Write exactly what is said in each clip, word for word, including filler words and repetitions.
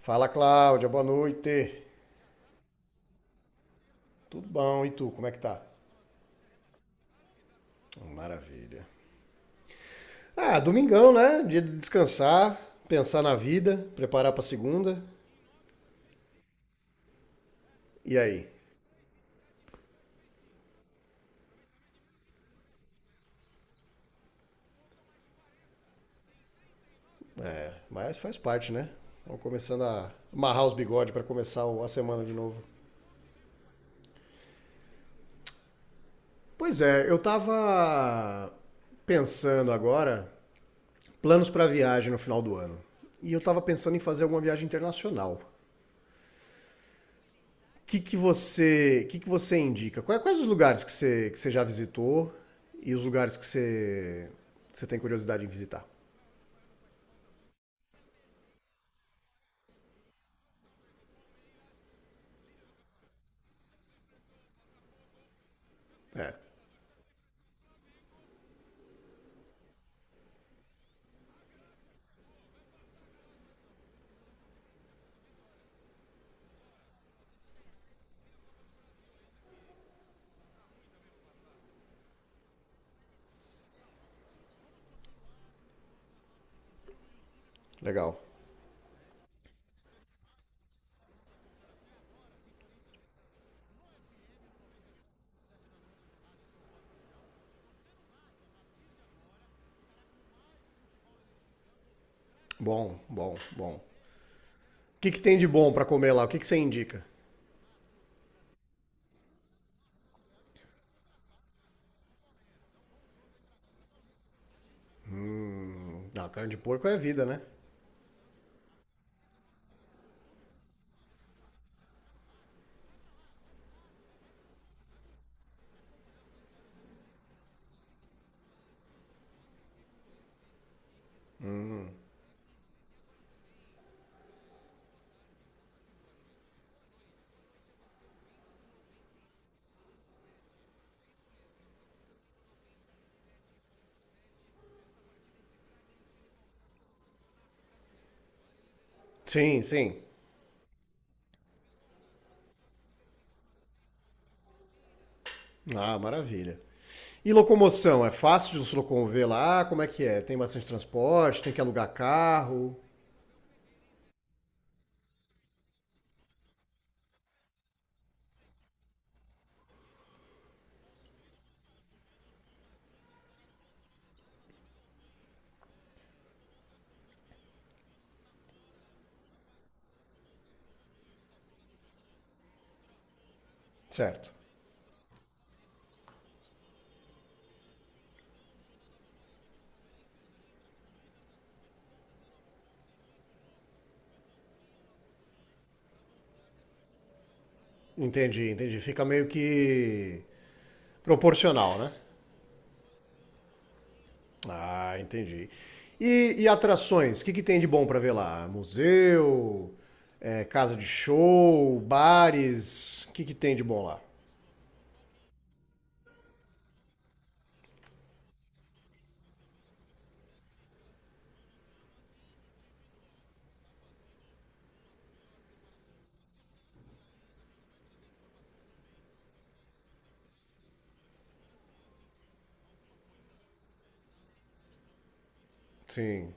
Fala, Cláudia, boa noite. Tudo bom? E tu, como é que tá? Maravilha. Ah, domingão, né? Dia de descansar, pensar na vida, preparar pra segunda. E aí? É, mas faz parte, né? Vamos começando a amarrar os bigodes pra começar o- a semana de novo. Pois é, eu tava pensando agora planos pra viagem no final do ano. E eu tava pensando em fazer alguma viagem internacional. que que você, que que você indica? Quais, quais os lugares que você, que você já visitou e os lugares que você, que você tem curiosidade em visitar? É, legal. Bom, bom, bom. O que que tem de bom para comer lá? O que que você indica? Ah, carne de porco é vida, né? Sim, sim. Ah, maravilha. E locomoção? É fácil de se locomover lá? Como é que é? Tem bastante transporte? Tem que alugar carro? Certo. Entendi, entendi. Fica meio que proporcional, né? Ah, entendi. E, e atrações? O que que tem de bom para ver lá? Museu, é, casa de show, bares? O que que tem de bom lá? Sim.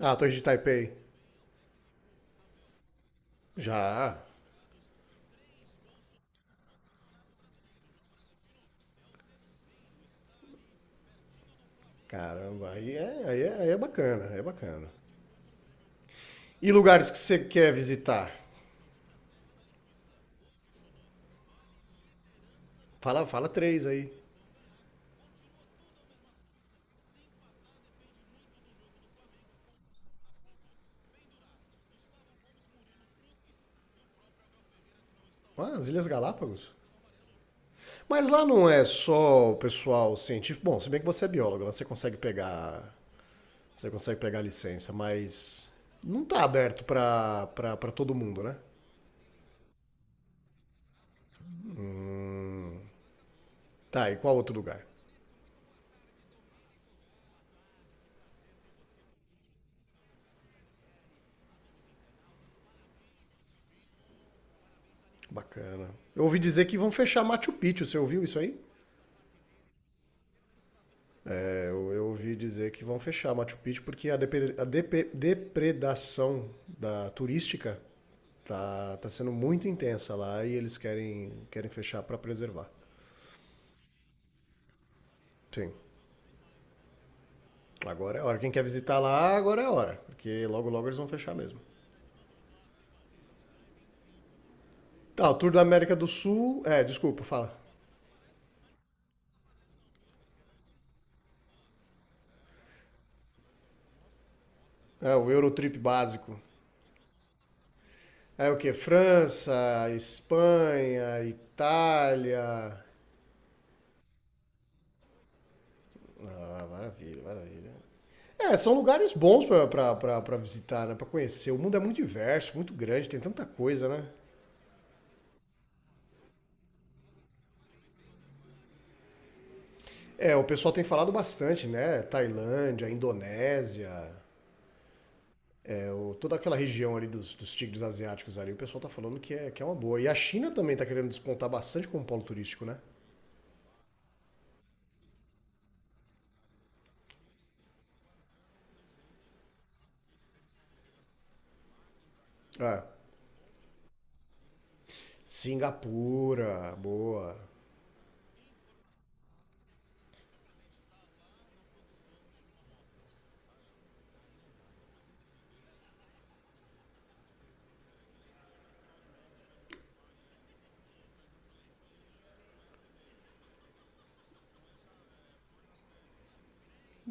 Ah, Torre de Taipei. Já. Caramba, aí é, aí é, aí é bacana, aí é bacana. E lugares que você quer visitar? Fala, fala três aí. Ah, as Ilhas Galápagos. Mas lá não é só o pessoal científico. Bom, se bem que você é biólogo, lá você consegue pegar Você consegue pegar a licença, mas não tá aberto pra, pra, pra todo mundo, né? Tá, e qual outro lugar? Bacana. Eu ouvi dizer que vão fechar Machu Picchu, você ouviu isso aí? É, eu, eu ouvi dizer que vão fechar Machu Picchu porque a, depre- a depe- depredação da turística tá, tá sendo muito intensa lá e eles querem, querem fechar pra preservar. Sim, agora é hora. Quem quer visitar lá, agora é hora, porque logo logo eles vão fechar mesmo. Tá, o Tour da América do Sul. É, desculpa, fala. É, o Eurotrip básico. É o quê? França, Espanha, Itália. Ah, maravilha, maravilha. É, são lugares bons pra, pra, pra, pra visitar, né? Pra conhecer. O mundo é muito diverso, muito grande, tem tanta coisa, né? É, o pessoal tem falado bastante, né? Tailândia, Indonésia, é, o- toda aquela região ali dos, dos tigres asiáticos ali, o pessoal tá falando que é, que é uma boa. E a China também tá querendo despontar bastante como polo turístico, né? É. Singapura, boa.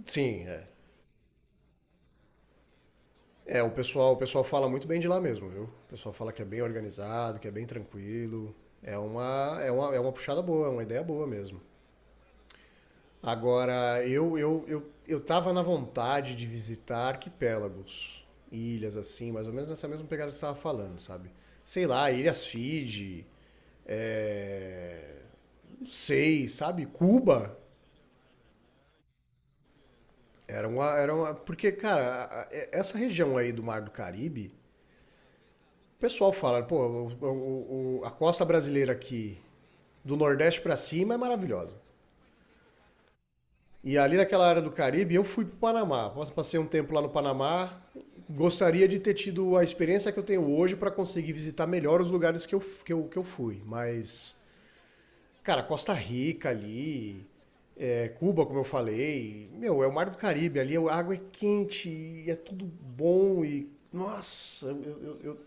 Sim, é. É, o pessoal, o pessoal fala muito bem de lá mesmo, viu? O pessoal fala que é bem organizado, que é bem tranquilo. É uma, é uma, é uma puxada boa, é uma ideia boa mesmo. Agora, eu, eu, eu, eu tava na vontade de visitar arquipélagos, ilhas assim, mais ou menos nessa mesma pegada que você estava falando, sabe? Sei lá, Ilhas Fiji, é, não sei, sabe? Cuba. Era uma, era uma. Porque, cara, a- a- essa região aí do Mar do Caribe. O pessoal fala, pô, o- o- o- a costa brasileira aqui, do Nordeste pra cima, é maravilhosa. E ali naquela área do Caribe, eu fui pro Panamá. Passei um tempo lá no Panamá. Gostaria de ter tido a experiência que eu tenho hoje pra conseguir visitar melhor os lugares que eu, que eu, que eu fui. Mas, cara, Costa Rica ali, é, Cuba, como eu falei, meu, é o Mar do Caribe. Ali a água é quente e é tudo bom. E, nossa, eu, eu- eu-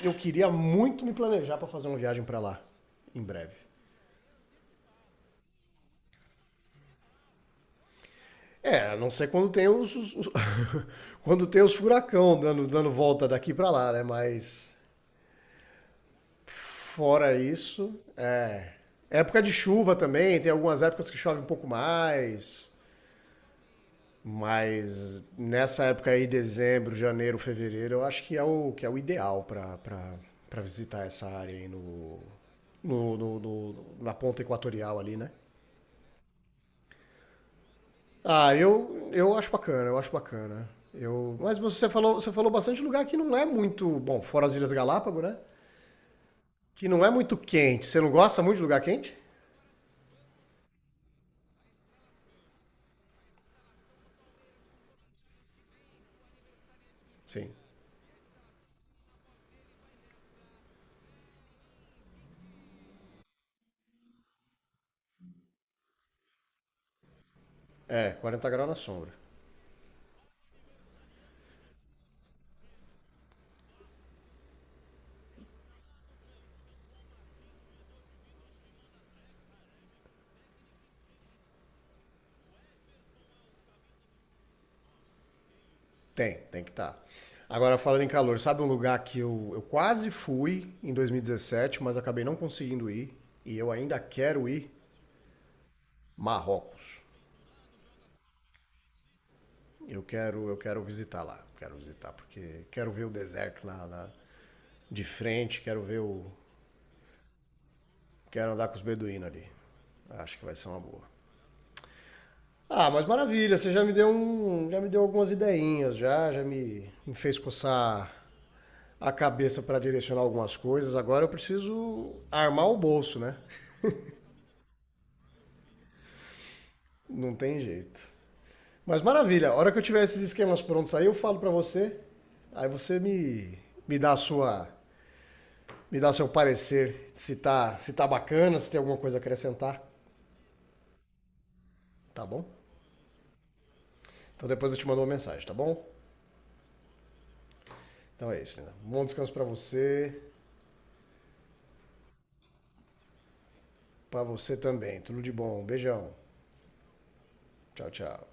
eu queria muito me planejar para fazer uma viagem para lá, em breve. É, a não ser quando tem os, os- os- quando tem os furacão dando dando volta daqui para lá, né? Mas fora isso, é época de chuva também. Tem algumas épocas que chove um pouco mais, mas nessa época aí, dezembro, janeiro, fevereiro, eu acho que é o que é o ideal para para visitar essa área aí no no, no- no- na ponta equatorial ali, né? Ah, eu, eu acho bacana, eu acho bacana. Eu, mas você falou, você falou, bastante lugar que não é muito, bom, fora as Ilhas Galápagos, né? Que não é muito quente. Você não gosta muito de lugar quente? Sim. É, quarenta graus na sombra. Tem, tem que estar. Agora, falando em calor, sabe um lugar que eu, eu quase fui em dois mil e dezessete, mas acabei não conseguindo ir, e eu ainda quero ir? Marrocos. Eu quero, eu quero visitar lá. Quero visitar, porque quero ver o deserto na, na- de frente, quero ver o, quero andar com os beduínos ali. Acho que vai ser uma boa. Ah, mas maravilha, você já me deu um, já me deu algumas ideinhas, já, já me, me fez coçar a cabeça para direcionar algumas coisas. Agora eu preciso armar o bolso, né? Não tem jeito. Mas maravilha, a hora que eu tiver esses esquemas prontos aí, eu falo para você. Aí você me me dá a sua, me dá seu parecer, se tá, se tá bacana, se tem alguma coisa a acrescentar, tá bom? Então depois eu te mando uma mensagem, tá bom? Então é isso, Lina. Bom descanso para você, para você também. Tudo de bom. Um beijão. Tchau, tchau.